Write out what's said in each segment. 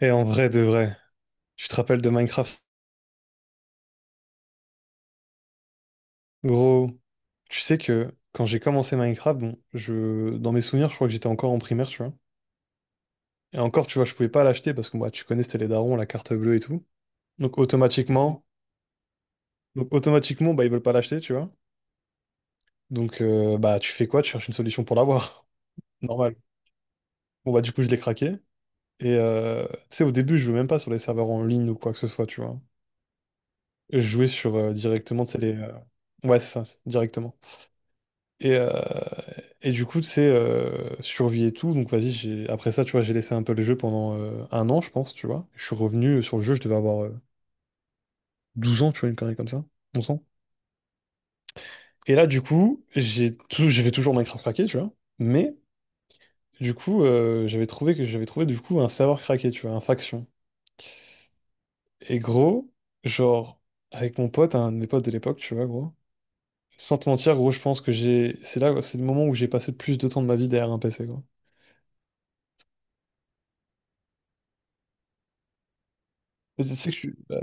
Et en vrai de vrai, tu te rappelles de Minecraft? Gros, tu sais que quand j'ai commencé Minecraft, bon, dans mes souvenirs, je crois que j'étais encore en primaire, tu vois. Et encore, tu vois, je pouvais pas l'acheter parce que moi, tu connais, c'était les darons, la carte bleue et tout. Donc automatiquement, donc automatiquement, bah ils veulent pas l'acheter, tu vois. Donc bah tu fais quoi? Tu cherches une solution pour l'avoir. Normal. Bon bah du coup, je l'ai craqué. Et tu sais, au début, je jouais même pas sur les serveurs en ligne ou quoi que ce soit, tu vois. Je jouais sur directement, c'est les. Ouais, c'est ça, directement. Et, euh, et du coup, tu sais, survie et tout. Donc, vas-y, après ça, tu vois, j'ai laissé un peu le jeu pendant un an, je pense, tu vois. Je suis revenu sur le jeu, je devais avoir 12 ans, tu vois, une connerie comme ça, 11 ans. Et là, du coup, j'ai fait toujours Minecraft craqué, tu vois. Mais, du coup, j'avais trouvé, du coup, un serveur craqué, tu vois, un faction. Et gros, genre, avec mon pote, un des potes de l'époque, tu vois, gros. Sans te mentir, gros, je pense que c'est là, c'est le moment où j'ai passé le plus de temps de ma vie derrière un PC, quoi. Et tu sais que je suis... Bah,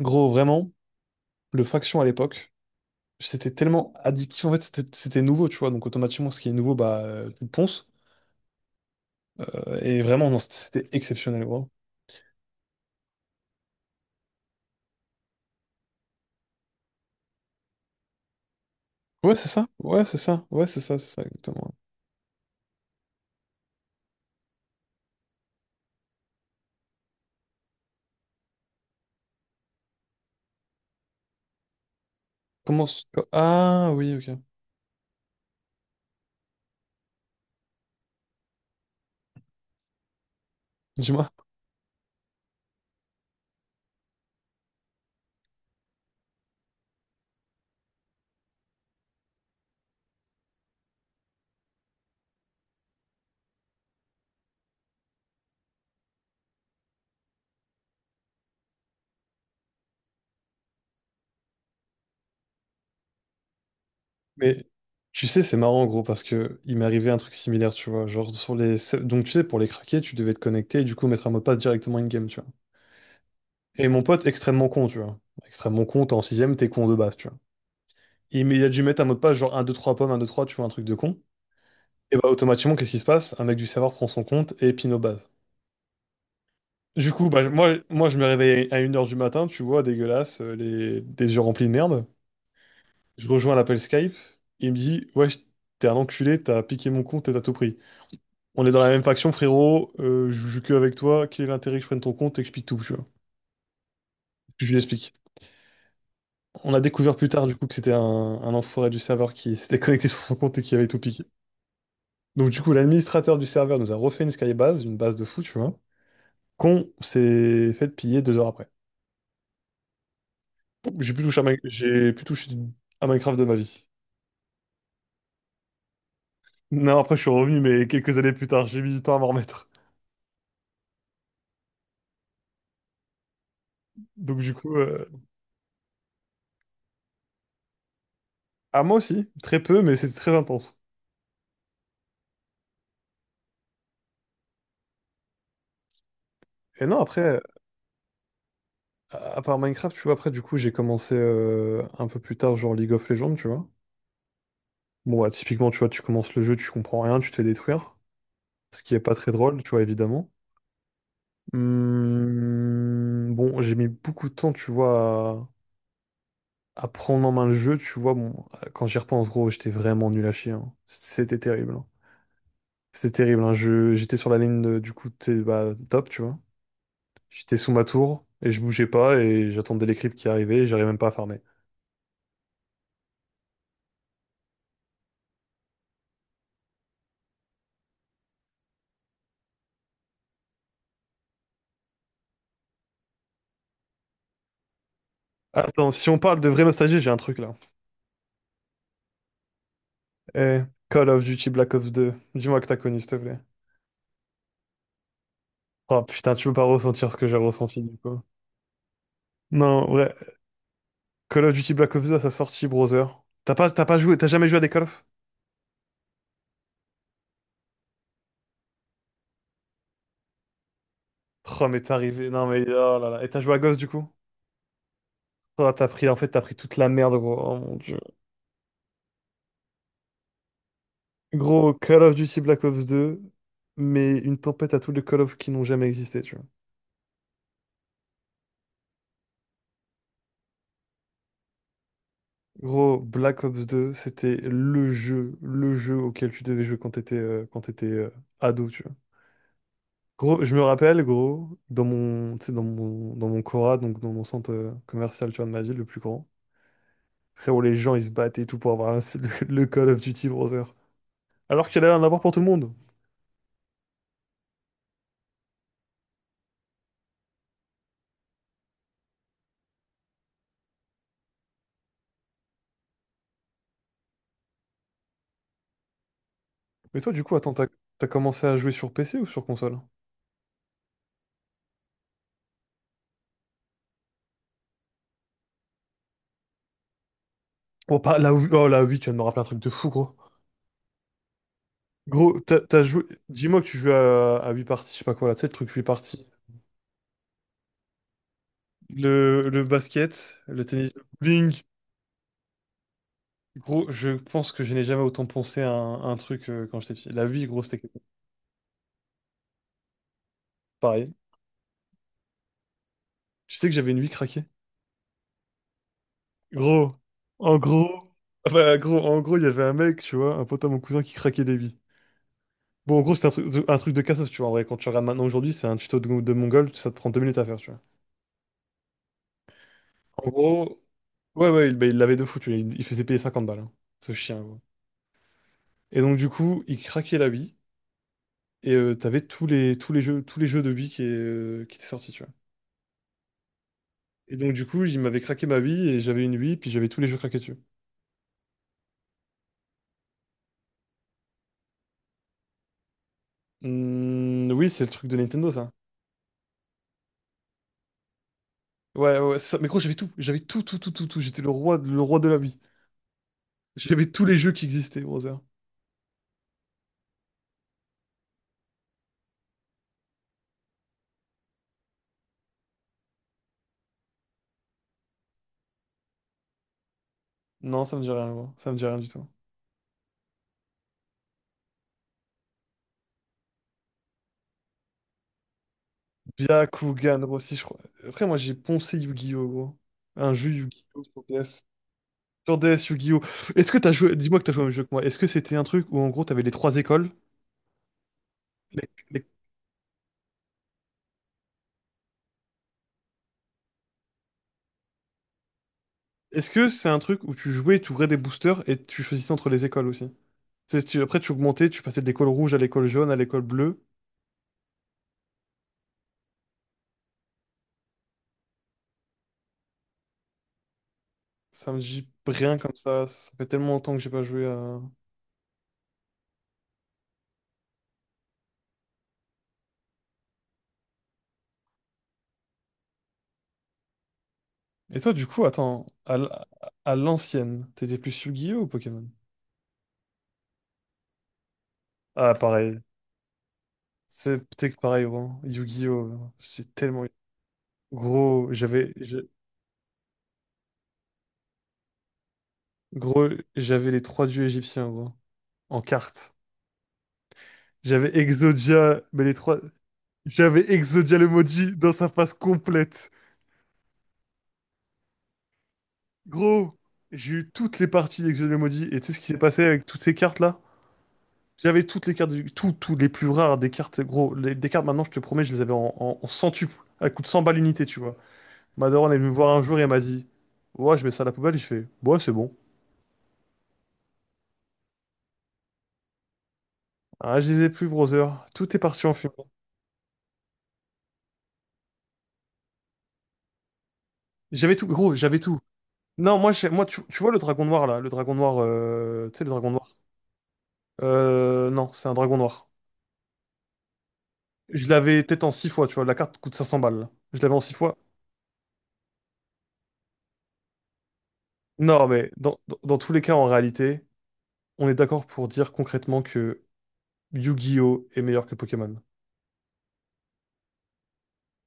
gros, vraiment, le Faction à l'époque, c'était tellement addictif. En fait, c'était nouveau, tu vois. Donc, automatiquement, ce qui est nouveau, bah, tu le ponces. Et vraiment, non, c'était exceptionnel, gros. Ouais, c'est ça. Ouais, c'est ça. Ouais, c'est ça, exactement. Comment. Ah, oui, ok. Dis-moi. Mais tu sais, c'est marrant, gros, parce que il m'est arrivé un truc similaire, tu vois. Genre, sur les. Donc, tu sais, pour les craquer, tu devais te connecter et du coup, mettre un mot de passe directement in-game, tu vois. Et mon pote, extrêmement con, tu vois. Extrêmement con, t'es en sixième, t'es con de base, tu vois. Il a dû mettre un mot de passe, genre un 2 3 pommes, un 2 3 tu vois, un truc de con. Et bah, automatiquement, qu'est-ce qui se passe? Un mec du serveur prend son compte et pin aux bases. Du coup, bah, moi, je me réveille à 1 heure du matin, tu vois, dégueulasse, les, des yeux remplis de merde. Je rejoins l'appel Skype. Il me dit, ouais, t'es un enculé, t'as piqué mon compte et t'as tout pris. On est dans la même faction, frérot, je joue que avec toi, quel est l'intérêt que je prenne ton compte? T'expliques tout, tu vois. Je lui explique. On a découvert plus tard, du coup, que c'était un enfoiré du serveur qui s'était connecté sur son compte et qui avait tout piqué. Donc du coup, l'administrateur du serveur nous a refait une skybase, une base de fou, tu vois, qu'on s'est fait piller 2 heures après. J'ai plus touché à Minecraft de ma vie. Non, après je suis revenu, mais quelques années plus tard, j'ai mis du temps à m'en remettre. Donc du coup, à moi aussi, très peu, mais c'était très intense. Et non, après, à part Minecraft, tu vois, après du coup, j'ai commencé un peu plus tard, genre League of Legends, tu vois. Bon, bah, typiquement, tu vois, tu commences le jeu, tu comprends rien, tu te fais détruire, ce qui est pas très drôle, tu vois, évidemment. Bon, j'ai mis beaucoup de temps, tu vois, à prendre en main le jeu, tu vois. Bon, quand j'y repense, gros, j'étais vraiment nul à chier, hein. C'était terrible, hein. C'était terrible, hein. J'étais sur la ligne du coup, tu sais, bah, top, tu vois. J'étais sous ma tour et je bougeais pas et j'attendais les creeps qui arrivaient et j'arrivais même pas à farmer. Attends, si on parle de vraie nostalgie, j'ai un truc là. Eh, Call of Duty Black Ops 2, dis-moi que t'as connu, s'il te plaît. Oh putain, tu peux pas ressentir ce que j'ai ressenti du coup. Non, Call of Duty Black Ops 2 à sa sortie, browser. T'as pas joué, t'as jamais joué à des Call of? Oh, mais t'es arrivé. Non, mais oh là là. Et t'as joué à Ghost du coup? Oh, t'as pris, en fait, t'as pris toute la merde, gros. Oh mon dieu. Gros, Call of Duty Black Ops 2, mais une tempête à tous les Call of qui n'ont jamais existé, tu vois. Gros, Black Ops 2, c'était le jeu auquel tu devais jouer quand t'étais ado, tu vois. Gros, je me rappelle, gros, dans mon Cora, donc dans mon centre commercial, tu vois, de ma ville, le plus grand. Frérot, les gens, ils se battent et tout pour avoir le, Call of Duty Brother. Alors qu'il allait en a un avoir pour tout le monde. Mais toi, du coup, attends, t'as commencé à jouer sur PC ou sur console? Oh, pas, là, oui, oh, là, oui, tu viens de me rappeler un truc de fou, gros. Gros, Dis-moi que tu joues à huit parties, je sais pas quoi, là, tu sais, le truc 8 parties. Le basket, le tennis, le bowling. Gros, je pense que je n'ai jamais autant pensé à un truc quand j'étais petit. La Wii, gros, c'était quelque chose. Pareil. Tu sais que j'avais une Wii craquée? Gros, en gros, enfin, gros, en gros, il y avait un mec, tu vois, un pote à mon cousin qui craquait des billes. Bon, en gros, c'était un truc de cassos, tu vois. En vrai, quand tu regardes maintenant aujourd'hui, c'est un tuto de Mongol, ça te prend 2 minutes à faire, tu vois. En gros, ouais, ouais, bah, il l'avait de fou, tu vois. Il faisait payer 50 balles, hein, ce chien, gros. Et donc, du coup, il craquait la bille, et t'avais tous les jeux de billes qui étaient sortis, tu vois. Et donc, du coup, il m'avait craqué ma bille, et j'avais une bille, puis j'avais tous les jeux craqués dessus. Oui, c'est le truc de Nintendo, ça. Ouais, ouais, c'est ça. Mais gros, j'avais tout. J'avais tout, tout, tout, tout, tout. J'étais le roi, le roi de la vie. J'avais tous les jeux qui existaient, Brother. Non, ça me dit rien, gros. Ça me dit rien du tout. Byakugan, gros, si je crois. Après, moi, j'ai poncé Yu-Gi-Oh, gros. Un jeu Yu-Gi-Oh sur DS. Sur DS, Yu-Gi-Oh. Est-ce que t'as joué... Dis-moi que t'as joué au même jeu que moi. Est-ce que c'était un truc où, en gros, t'avais les trois écoles? Les- les- Est-ce que c'est un truc où tu jouais, tu ouvrais des boosters et tu choisissais entre les écoles aussi? Après, tu augmentais, tu passais de l'école rouge à l'école jaune à l'école bleue. Ça me dit rien comme ça. Ça fait tellement longtemps que j'ai pas joué à. Et toi, du coup, attends, à l'ancienne, t'étais plus Yu-Gi-Oh ou Pokémon? Ah, pareil. C'est peut-être que pareil, vraiment. Yu-Gi-Oh, hein, j'ai tellement... Gros, Gros, j'avais les trois dieux égyptiens, gros, en carte. J'avais Exodia, mais les trois... J'avais Exodia le maudit dans sa face complète. Gros, j'ai eu toutes les parties d'Exodia le maudit. Et tu sais ce qui s'est passé avec toutes ces cartes-là? J'avais toutes les cartes, tout, toutes les plus rares des cartes, gros. Des cartes, maintenant, je te promets, je les avais en centuple. Elles coûtent 100 balles l'unité, tu vois. Ma daronne est venue me voir un jour et elle m'a dit, ouais, je mets ça à la poubelle. Et je fais, ouais, c'est bon. Ah, je les ai plus, brother. Tout est parti en fumée. J'avais tout, gros, j'avais tout. Non, moi, tu vois le dragon noir, là. Le dragon noir, tu sais, le dragon noir. Non, c'est un dragon noir. Je l'avais peut-être en 6 fois, tu vois. La carte coûte 500 balles, là. Je l'avais en 6 fois. Non, mais dans tous les cas, en réalité, on est d'accord pour dire concrètement que Yu-Gi-Oh! Est meilleur que Pokémon.